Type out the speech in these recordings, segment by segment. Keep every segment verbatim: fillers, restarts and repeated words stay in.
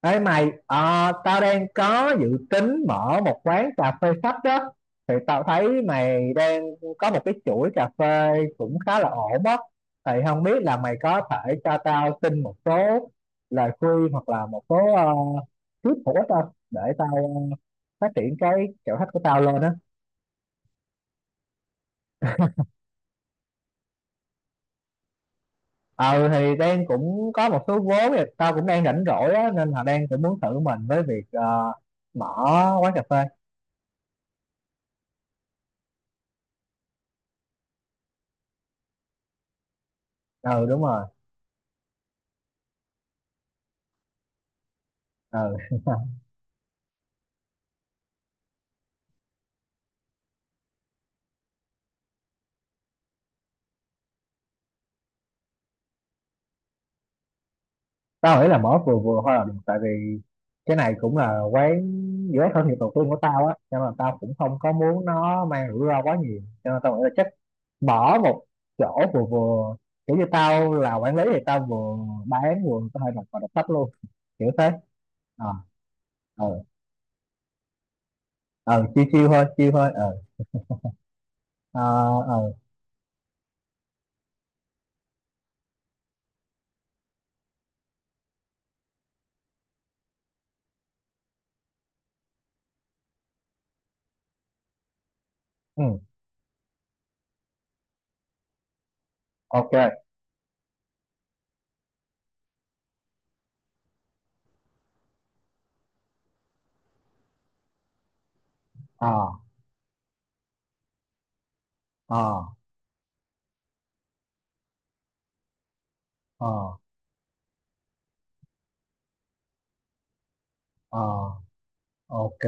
Ê mày, ờ, tao đang có dự tính mở một quán cà phê sách đó. Thì tao thấy mày đang có một cái chuỗi cà phê cũng khá là ổn á. Thì không biết là mày có thể cho tao xin một số lời khuyên hoặc là một số uh, tip hữu ích không. Để tao phát triển cái chỗ khách của tao lên á. Ờ thì đang cũng có một số vốn thì tao cũng đang rảnh rỗi á. Nên là đang cũng muốn thử mình với việc ờ, mở quán cà phê. Ừ, đúng rồi. Ừ tao nghĩ là mở vừa vừa thôi là được, tại vì cái này cũng là quán giữa thân nghiệp đầu tiên của tao á, cho nên là tao cũng không có muốn nó mang rủi ro quá nhiều, cho nên tao nghĩ là chắc mở một chỗ vừa vừa, kiểu như tao là quản lý thì tao vừa bán vừa có thể đọc và đọc sách luôn, kiểu thế. ờ. ờ. ờ chiêu chiêu thôi, chiêu thôi. ờ. ờ. ờ. ừ. ok. ờ. ờ. ờ. ờ. ok.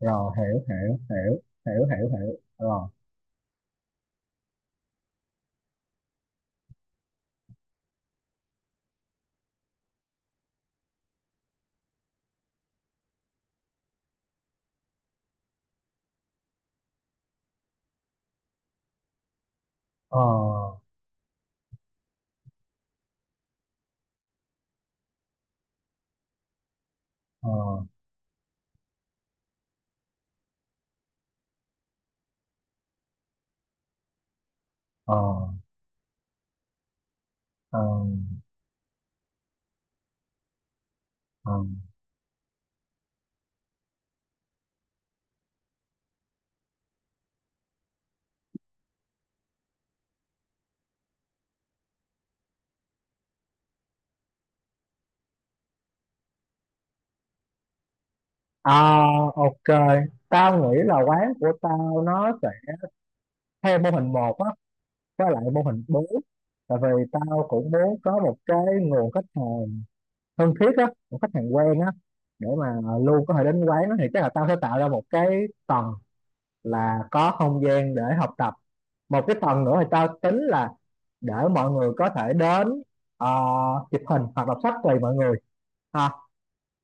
Rồi, hiểu hiểu hiểu hiểu hiểu hiểu rồi. ờ. ờ. ờ. Ờ, ờ. ờ. À, ok. Tao nghĩ là quán của tao nó sẽ theo mô hình một á, với lại mô hình bốn. Tại vì tao cũng muốn có một cái nguồn khách hàng thân thiết á, một khách hàng quen á, để mà luôn có thể đến quán đó, thì chắc là tao sẽ tạo ra một cái tầng là có không gian để học tập. Một cái tầng nữa thì tao tính là để mọi người có thể đến, ờ, chụp hình hoặc đọc sách tùy mọi người. À.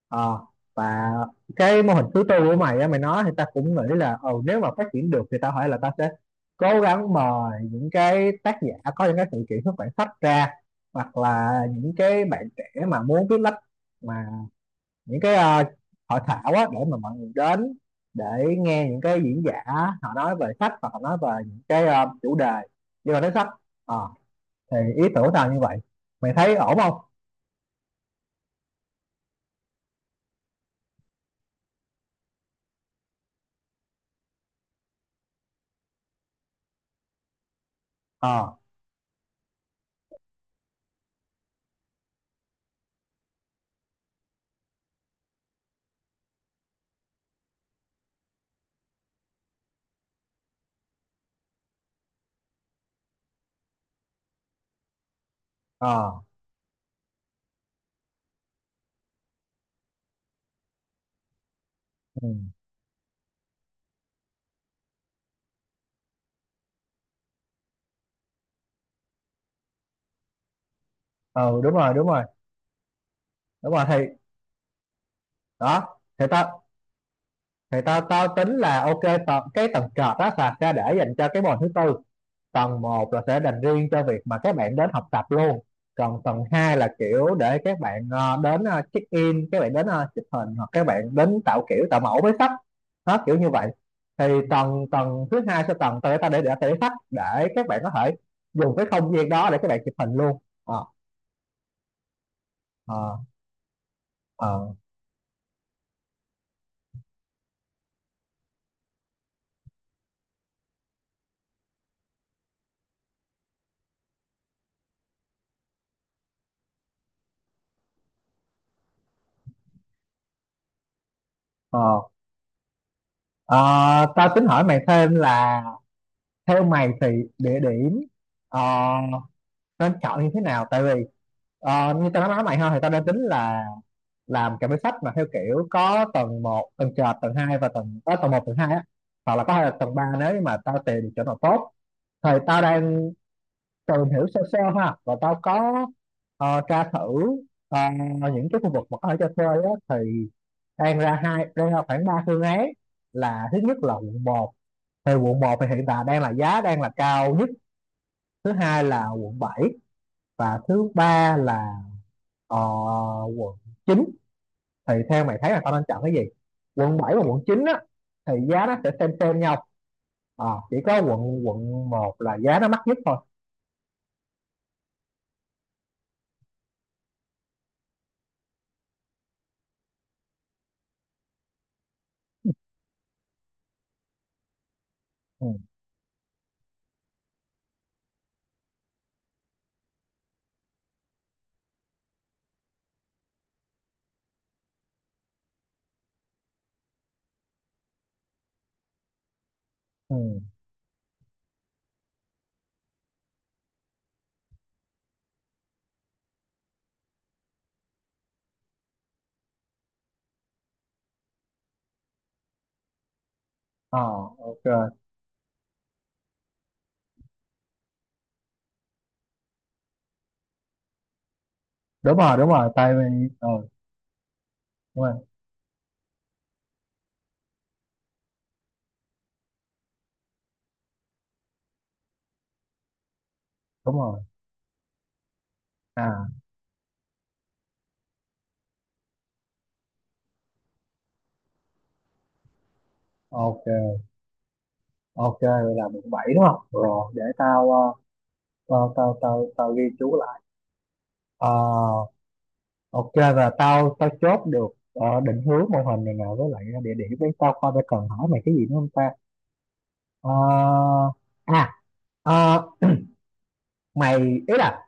Ờ. Và cái mô hình thứ tư của mày á, mày nói thì ta cũng nghĩ là ừ, nếu mà phát triển được thì tao hỏi là ta sẽ cố gắng mời những cái tác giả có những cái sự kiện xuất bản sách ra, hoặc là những cái bạn trẻ mà muốn viết lách, mà những cái ờ, hội thảo á, để mà mọi người đến để nghe những cái diễn giả họ nói về sách, hoặc họ nói về những cái ờ, chủ đề liên quan đến sách. Ờ, thì ý tưởng tao như vậy, mày thấy ổn không? ờ. ờ. ừ. Ừ đúng rồi, đúng rồi. Đúng rồi, thì đó thì tao, thì tao tao tính là ok. Tầng, cái tầng trệt đó là sẽ để dành cho cái môn thứ tư. Tầng một là sẽ dành riêng cho việc mà các bạn đến học tập luôn. Còn tầng hai là kiểu để các bạn ờ, đến ờ, check in, các bạn đến ờ, chụp hình, hoặc các bạn đến tạo kiểu tạo mẫu với sách. Đó, kiểu như vậy. Thì tầng tầng thứ hai sẽ tầng tao để để để sách để các bạn có thể dùng cái không gian đó để các bạn chụp hình luôn. ờ. ờ. ờ. ờ. Ờ, tao tính hỏi mày thêm là theo mày thì địa điểm ờ, nên chọn như thế nào. Tại vì ờ, như tao đã nói mày ha, thì tao đang tính là làm cà phê sách mà theo kiểu có tầng một, tầng trệt, tầng hai, và tầng ờ, tầng một, tầng hai á, hoặc là có thể là tầng ba nếu như mà tao tìm được chỗ nào tốt. Thì tao đang tìm hiểu sơ sơ ha, và tao có ờ, tra thử ờ, những cái khu vực mà có thể cho thuê á, thì đang ra hai, đang ra khoảng ba phương án. Là thứ nhất là quận một, thì quận một thì hiện tại đang là giá đang là cao nhất. Thứ hai là quận bảy, và thứ ba là ờ, quận chín. Thì theo mày thấy là tao nên chọn cái gì? Quận bảy và quận chín á thì giá nó sẽ xem xem nhau. Ờ, chỉ có quận quận một là giá nó mắc nhất thôi. ừ. ừ. Ờ, ok. Đúng rồi, đúng rồi, tại vì ừ, đúng rồi, đúng rồi. à. Ok, ok, vậy là quận bảy đúng không? Rồi để tao ờ, tao tao tao, tao ghi chú lại. Ờ. Ok, và tao tao chốt được ờ, định hướng mô hình này nè, với lại ờ, địa điểm đấy. Tao coi phải cần hỏi mày cái gì nữa không ta. Ờ. à. ờ, mày ý là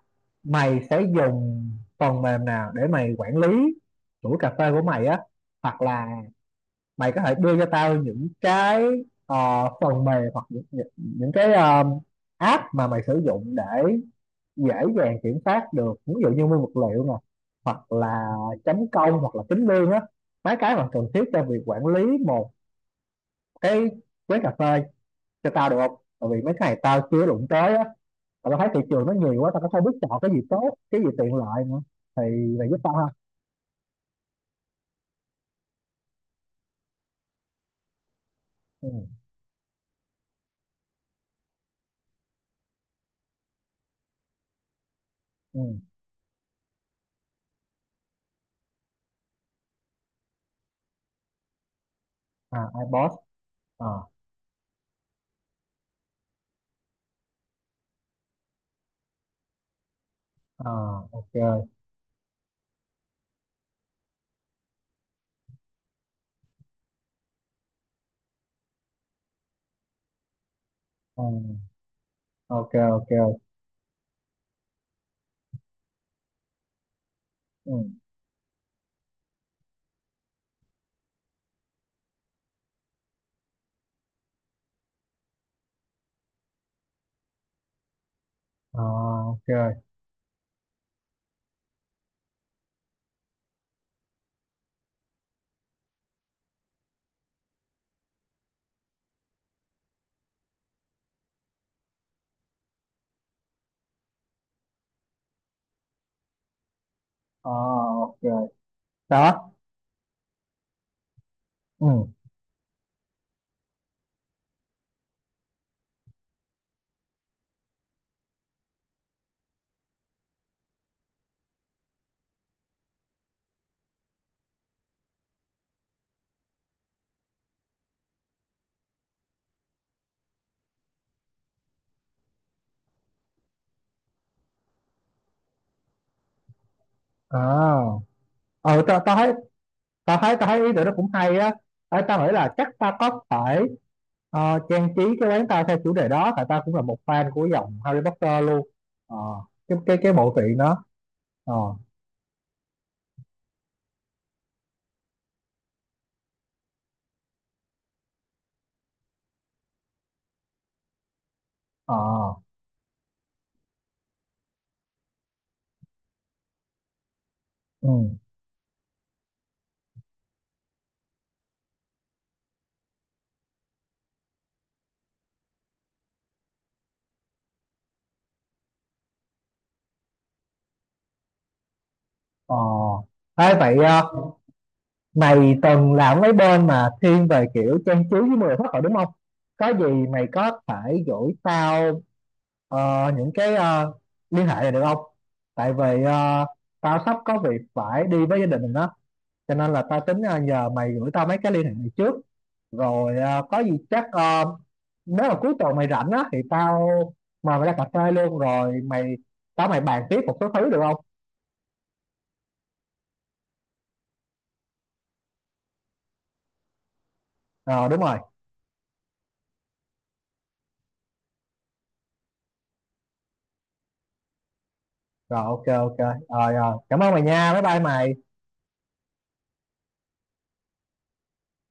mày sẽ dùng phần mềm nào để mày quản lý chuỗi cà phê của mày á. Hoặc là mày có thể đưa cho tao những cái ờ, phần mềm, hoặc những, những, những cái ờ, app mà mày sử dụng để dễ dàng kiểm soát được, ví dụ như nguyên vật liệu nè, hoặc là chấm công, hoặc là tính lương á. Mấy cái mà cần thiết cho việc quản lý một cái quán cà phê cho tao được không? Tại vì mấy cái này tao chưa đụng tới á, mà tao thấy thị trường nó nhiều quá, tao cũng không biết chọn cái gì tốt, cái gì tiện lợi nữa. Thì mày giúp tao ha. ừ. ừ. à. iBoss. à. à. ok. ừ. ok. ok. ừ. à. ok. à. ok. Đó. ừ. à. ờ. Tao tao thấy, tao thấy tao thấy ý tưởng đó cũng hay á. Ê, tao nghĩ là chắc ta có thể ờ, trang trí cái quán tao theo chủ đề đó, tại tao cũng là một fan của dòng Harry Potter luôn. Ờ, cái cái cái bộ truyện đó. ờ. ờ. ừ. ờ. Ê, vậy ờ, mày từng làm mấy bên mà thiên về kiểu trang trí với mười phút rồi đúng không? Có gì mày có thể gửi tao ờ, những cái ờ, liên hệ này được không? Tại vì ờ, tao sắp có việc phải đi với gia đình mình, cho nên là tao tính ờ, nhờ mày gửi tao mấy cái liên hệ này trước. Rồi ờ, có gì chắc ờ, nếu mà cuối tuần mày rảnh á thì tao mời mày ra cà phê luôn, rồi mày tao mày bàn tiếp một số thứ được không? Ờ đúng rồi. Rồi ok, ok. Rồi rồi, cảm ơn mày nha, bye bye mày.